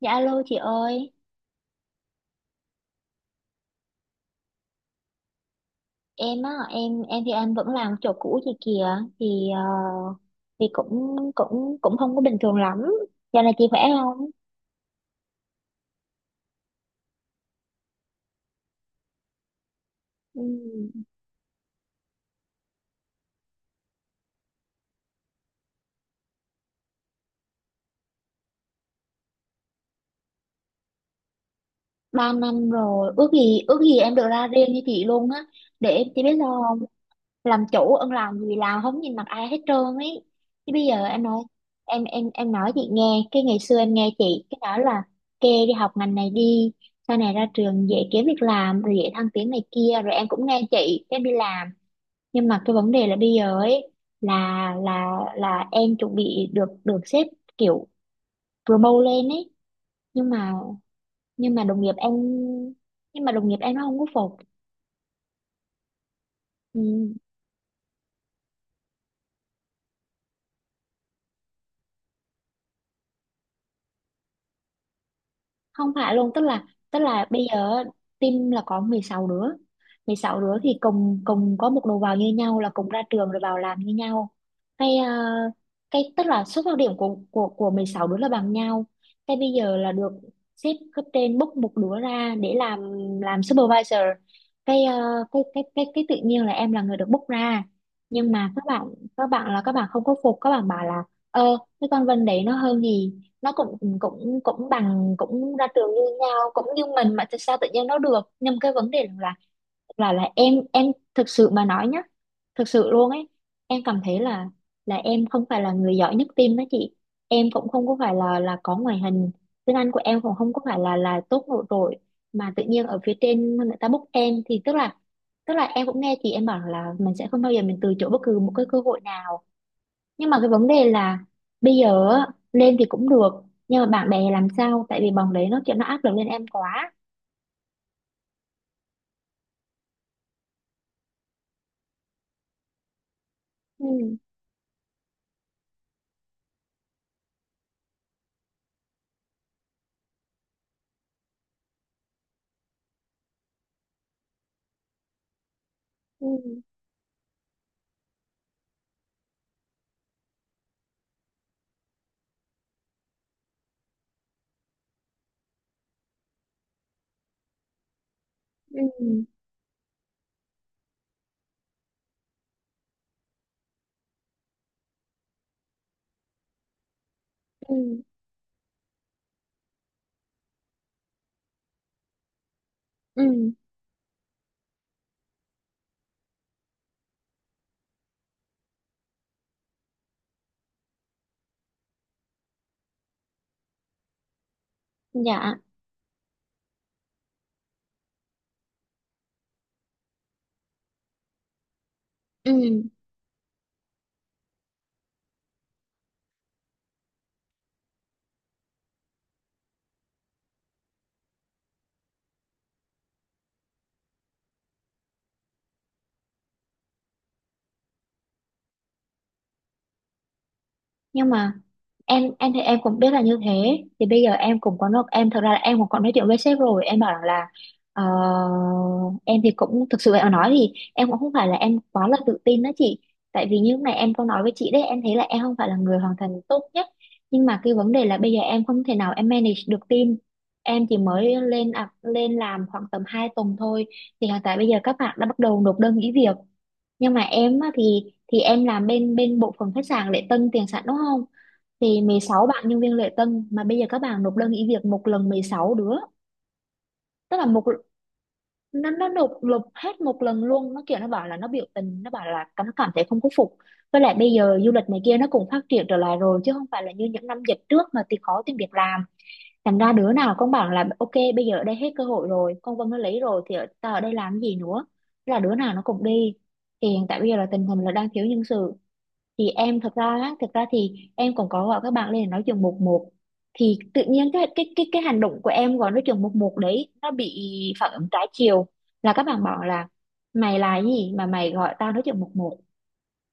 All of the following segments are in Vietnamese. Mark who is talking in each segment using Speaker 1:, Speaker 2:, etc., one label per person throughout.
Speaker 1: Dạ alo chị ơi, em á, em thì em vẫn làm chỗ cũ chị kìa, thì ờ, thì cũng cũng cũng không có bình thường lắm. Giờ này chị khỏe không? Ừ, 3 năm rồi, ước gì em được ra riêng như chị luôn á. Để em chị biết sao không? Làm chủ ân làm gì làm không nhìn mặt ai hết trơn ấy. Chứ bây giờ em nói chị nghe, cái ngày xưa em nghe chị cái nói là kê đi học ngành này đi. Sau này ra trường dễ kiếm việc làm rồi dễ thăng tiến này kia rồi em cũng nghe chị em đi làm, nhưng mà cái vấn đề là bây giờ ấy, là là là em chuẩn bị được được sếp kiểu promote lên ấy, nhưng mà nhưng mà đồng nghiệp em đồng nghiệp em nó không có phục. Ừ. Không phải luôn, tức là bây giờ team là có 16 đứa. 16 đứa thì cùng cùng có một đầu vào như nhau, là cùng ra trường rồi vào làm như nhau, cái ờ, cái tức là xuất phát điểm của 16 đứa là bằng nhau. Cái bây giờ là được sếp cấp trên bốc một đứa ra để làm supervisor, cái ờ, cái tự nhiên là em là người được bốc ra, nhưng mà các bạn không có phục, các bạn bảo là, cái con Vân đấy nó hơn gì, nó cũng cũng cũng bằng, cũng ra trường như nhau, cũng như mình, mà tại sao tự nhiên nó được, nhưng cái vấn đề là, em thực sự mà nói nhá, thực sự luôn ấy, em cảm thấy là em không phải là người giỏi nhất team đó chị. Em cũng không có phải là có ngoại hình, tiếng Anh của em cũng không có phải là tốt nổi trội, mà tự nhiên ở phía trên người ta book em, thì tức là em cũng nghe chị em bảo là mình sẽ không bao giờ mình từ chối bất cứ một cái cơ hội nào, nhưng mà cái vấn đề là bây giờ á, lên thì cũng được nhưng mà bạn bè làm sao, tại vì bọn đấy nó kiểu nó áp lực lên em quá. Ừ. Ừ. Ừ. Ừ. Ừ. Dạ. Ừ. Nhưng mà em thì em cũng biết là như thế, thì bây giờ em cũng có nói, em thật ra là em cũng có nói chuyện với sếp rồi, em bảo rằng là, ờ, em thì cũng thực sự em nói thì em cũng không phải là em quá là tự tin đó chị, tại vì như lúc này em có nói với chị đấy, em thấy là em không phải là người hoàn thành tốt nhất, nhưng mà cái vấn đề là bây giờ em không thể nào em manage được team. Em chỉ mới lên làm khoảng tầm 2 tuần thôi, thì hiện tại bây giờ các bạn đã bắt đầu nộp đơn nghỉ việc, nhưng mà em á, thì em làm bên bên bộ phận khách sạn lễ tân tiền sảnh đúng không, thì 16 bạn nhân viên lễ tân mà bây giờ các bạn nộp đơn nghỉ việc một lần 16 đứa. Tức là một nó nộp nộp hết một lần luôn, nó kiểu nó bảo là nó biểu tình, nó bảo là nó cảm thấy không có phục. Với lại bây giờ du lịch này kia nó cũng phát triển trở lại rồi, chứ không phải là như những năm dịch trước mà thì khó tìm việc làm, thành ra đứa nào cũng bảo là ok, bây giờ ở đây hết cơ hội rồi, con Vân nó lấy rồi thì ta ở đây làm cái gì nữa. Thế là đứa nào nó cũng đi, thì hiện tại bây giờ là tình hình là đang thiếu nhân sự. Thì em thật ra thì em còn có gọi các bạn lên để nói chuyện một một, thì tự nhiên cái hành động của em gọi nói chuyện một một đấy nó bị phản ứng trái chiều, là các bạn bảo là mày là gì mà mày gọi tao nói chuyện một một,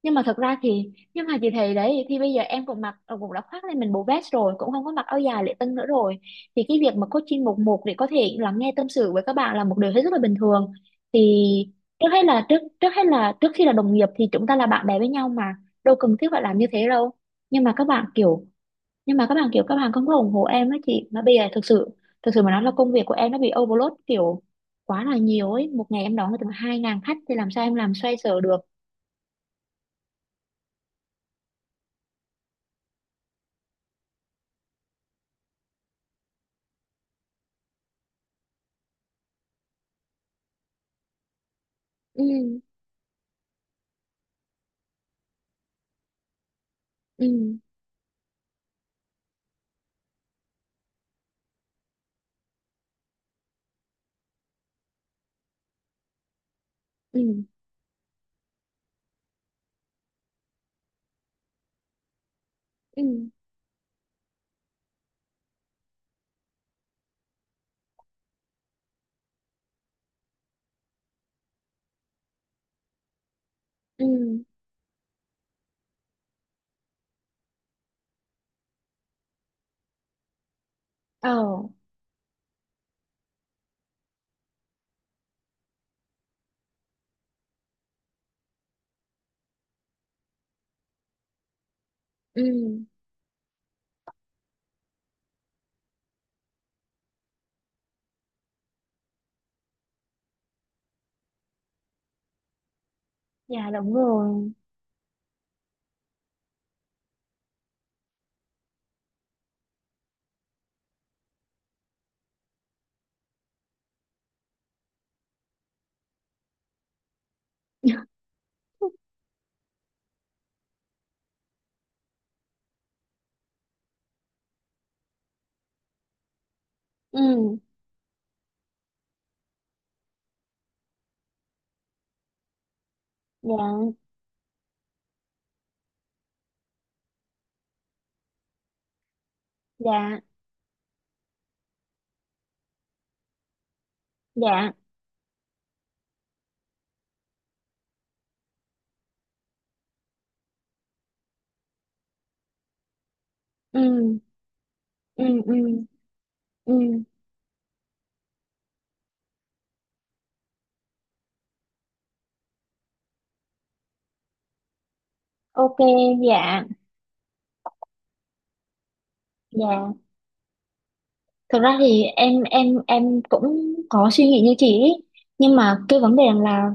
Speaker 1: nhưng mà thật ra thì, nhưng mà chị thấy đấy, thì bây giờ em cũng đã khoác lên mình bộ vest rồi, cũng không có mặc áo dài lễ tân nữa rồi, thì cái việc mà coaching một một để có thể lắng nghe tâm sự với các bạn là một điều hết sức là bình thường. Thì trước hết là trước khi là đồng nghiệp thì chúng ta là bạn bè với nhau mà, đâu cần thiết phải làm như thế đâu. Nhưng mà các bạn kiểu nhưng mà các bạn kiểu các bạn không có ủng hộ em á chị, mà bây giờ thực sự, thực sự mà nói là công việc của em nó bị overload, kiểu quá là nhiều ấy, một ngày em đón được tầm 2.000 khách thì làm sao em làm xoay sở được. Ừ. Ừ. Ừ. Ừ. Ừ. Ờ. Ừ. Dạ đúng rồi. Ừ. Dạ. Dạ. Dạ. Ừ. Ừ. Ừ. Ừ. Ok. Dạ. Dạ. Thực ra thì em cũng có suy nghĩ như chị ý, nhưng mà cái vấn đề là,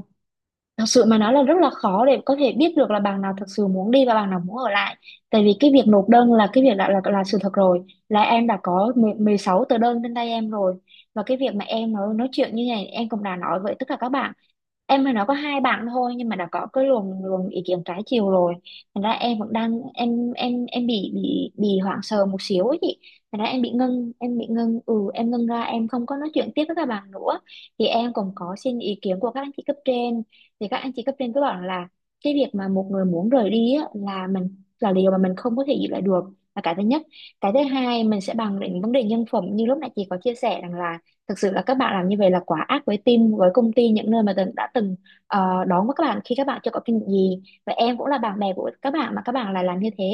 Speaker 1: thật sự mà nói là rất là khó để có thể biết được là bạn nào thật sự muốn đi và bạn nào muốn ở lại. Tại vì cái việc nộp đơn là cái việc đã là sự thật rồi. Là em đã có 10 16 tờ đơn trên tay em rồi. Và cái việc mà em nói chuyện như này em cũng đã nói với tất cả các bạn, em với nó có hai bạn thôi nhưng mà đã có cái luồng luồng ý kiến trái chiều rồi, thành ra em vẫn đang em bị hoảng sợ một xíu ấy chị. Thành ra em bị ngưng, em ngưng ra, em không có nói chuyện tiếp với các bạn nữa. Thì em cũng có xin ý kiến của các anh chị cấp trên, thì các anh chị cấp trên cứ bảo là cái việc mà một người muốn rời đi á, là điều mà mình không có thể giữ lại được, là cái thứ nhất. Cái thứ hai mình sẽ bàn đến vấn đề nhân phẩm, như lúc nãy chị có chia sẻ rằng là thực sự là các bạn làm như vậy là quá ác với team, với công ty, những nơi mà đã từng đón với các bạn khi các bạn chưa có kinh nghiệm gì, và em cũng là bạn bè của các bạn mà các bạn lại làm như thế.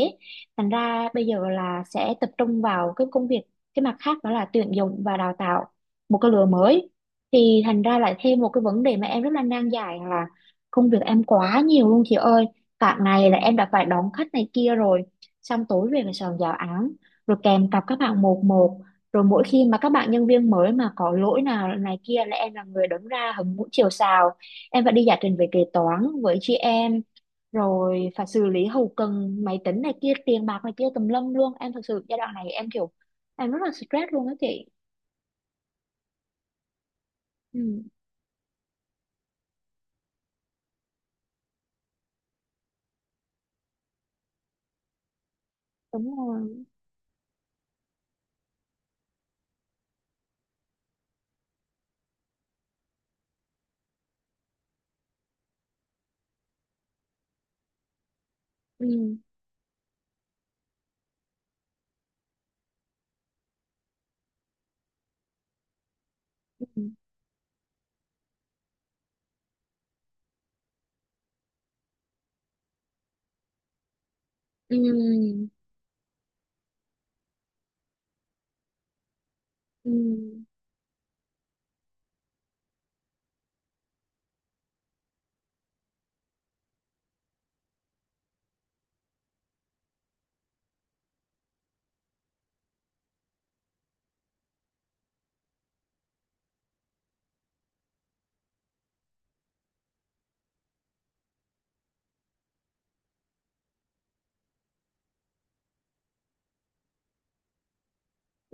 Speaker 1: Thành ra bây giờ là sẽ tập trung vào cái công việc, cái mặt khác đó là tuyển dụng và đào tạo một cái lứa mới, thì thành ra lại thêm một cái vấn đề mà em rất là nan giải là công việc em quá nhiều luôn chị ơi. Cả ngày là em đã phải đón khách này kia rồi, xong tối về phải soạn giáo án, rồi kèm cặp các bạn một một, rồi mỗi khi mà các bạn nhân viên mới mà có lỗi nào này kia là em là người đứng ra hứng mũi chiều sào, em phải đi giải trình về kế toán với chị em, rồi phải xử lý hậu cần máy tính này kia tiền bạc này kia tùm lum luôn. Em thật sự giai đoạn này em kiểu, em rất là stress luôn đó chị. Ừ. Đúng rồi. Ừ. Ừ. Ừ. Ừ.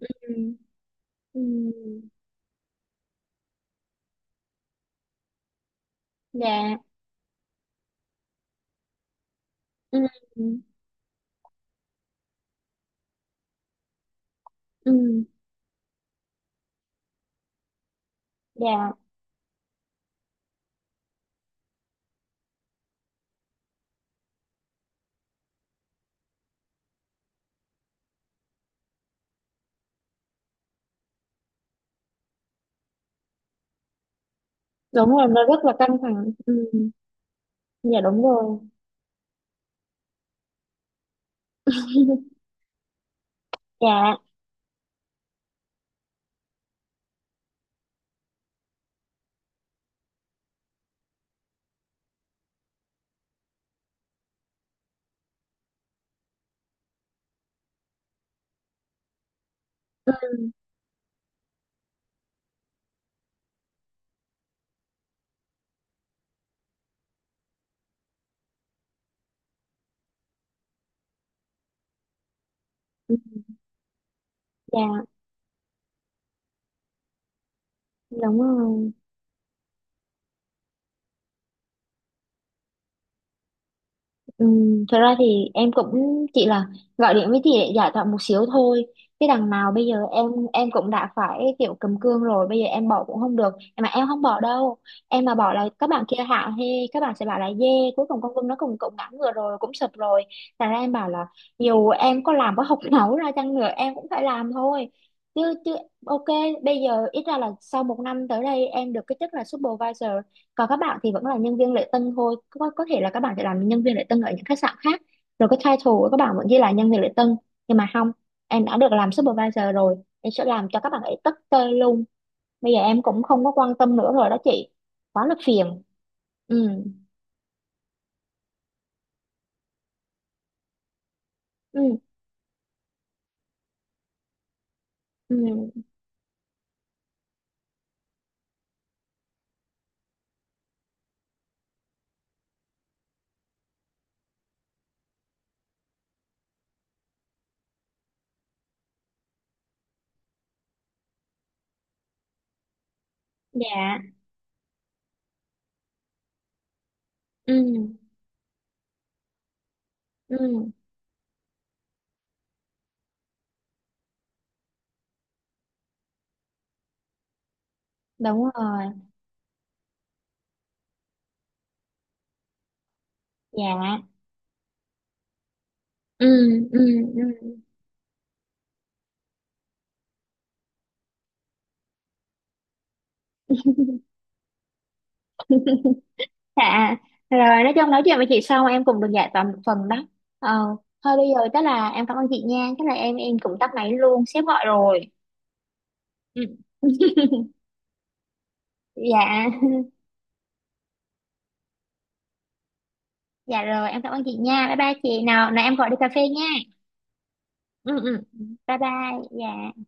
Speaker 1: Ừ. Ừ. Dạ. Ừ. Ừ. Dạ đúng rồi, nó rất là căng thẳng. Ừ. Dạ đúng rồi. Dạ. Ừ, dạ. Đúng rồi. Ừ, thật ra thì em cũng chỉ là gọi điện với chị để giải thoại một xíu thôi, chứ đằng nào bây giờ em cũng đã phải kiểu cầm cương rồi, bây giờ em bỏ cũng không được. Mà em không bỏ đâu. Em mà bỏ là các bạn kia hạ hê, các bạn sẽ bảo là dê, cuối cùng con Quân nó cũng cũng ngã ngựa rồi, cũng sụp rồi. Thành ra em bảo là dù em có làm có học nấu ra chăng nữa em cũng phải làm thôi. Chứ chứ ok, bây giờ ít ra là sau một năm tới đây em được cái chức là supervisor, còn các bạn thì vẫn là nhân viên lễ tân thôi, có thể là các bạn sẽ làm nhân viên lễ tân ở những khách sạn khác, rồi cái title của các bạn vẫn ghi là nhân viên lễ tân, nhưng mà không, em đã được làm supervisor rồi, em sẽ làm cho các bạn ấy tất tơi luôn. Bây giờ em cũng không có quan tâm nữa rồi đó chị, quá là phiền. Ừ. Ừ. Ừ. Dạ. Ừ. Ừ. Đúng rồi. Dạ. Ừ. Ừ. Ừ. Dạ, rồi nói chung nói chuyện với chị xong em cũng được giải tỏa một phần đó. Ờ, thôi bây giờ tức là em cảm ơn chị nha, tức là em cũng tắt máy luôn, sếp gọi rồi. Ừ. Dạ, dạ rồi em cảm ơn chị nha, bye bye chị nào, nào em gọi đi cà phê nha. Ừ ừ, bye bye, dạ.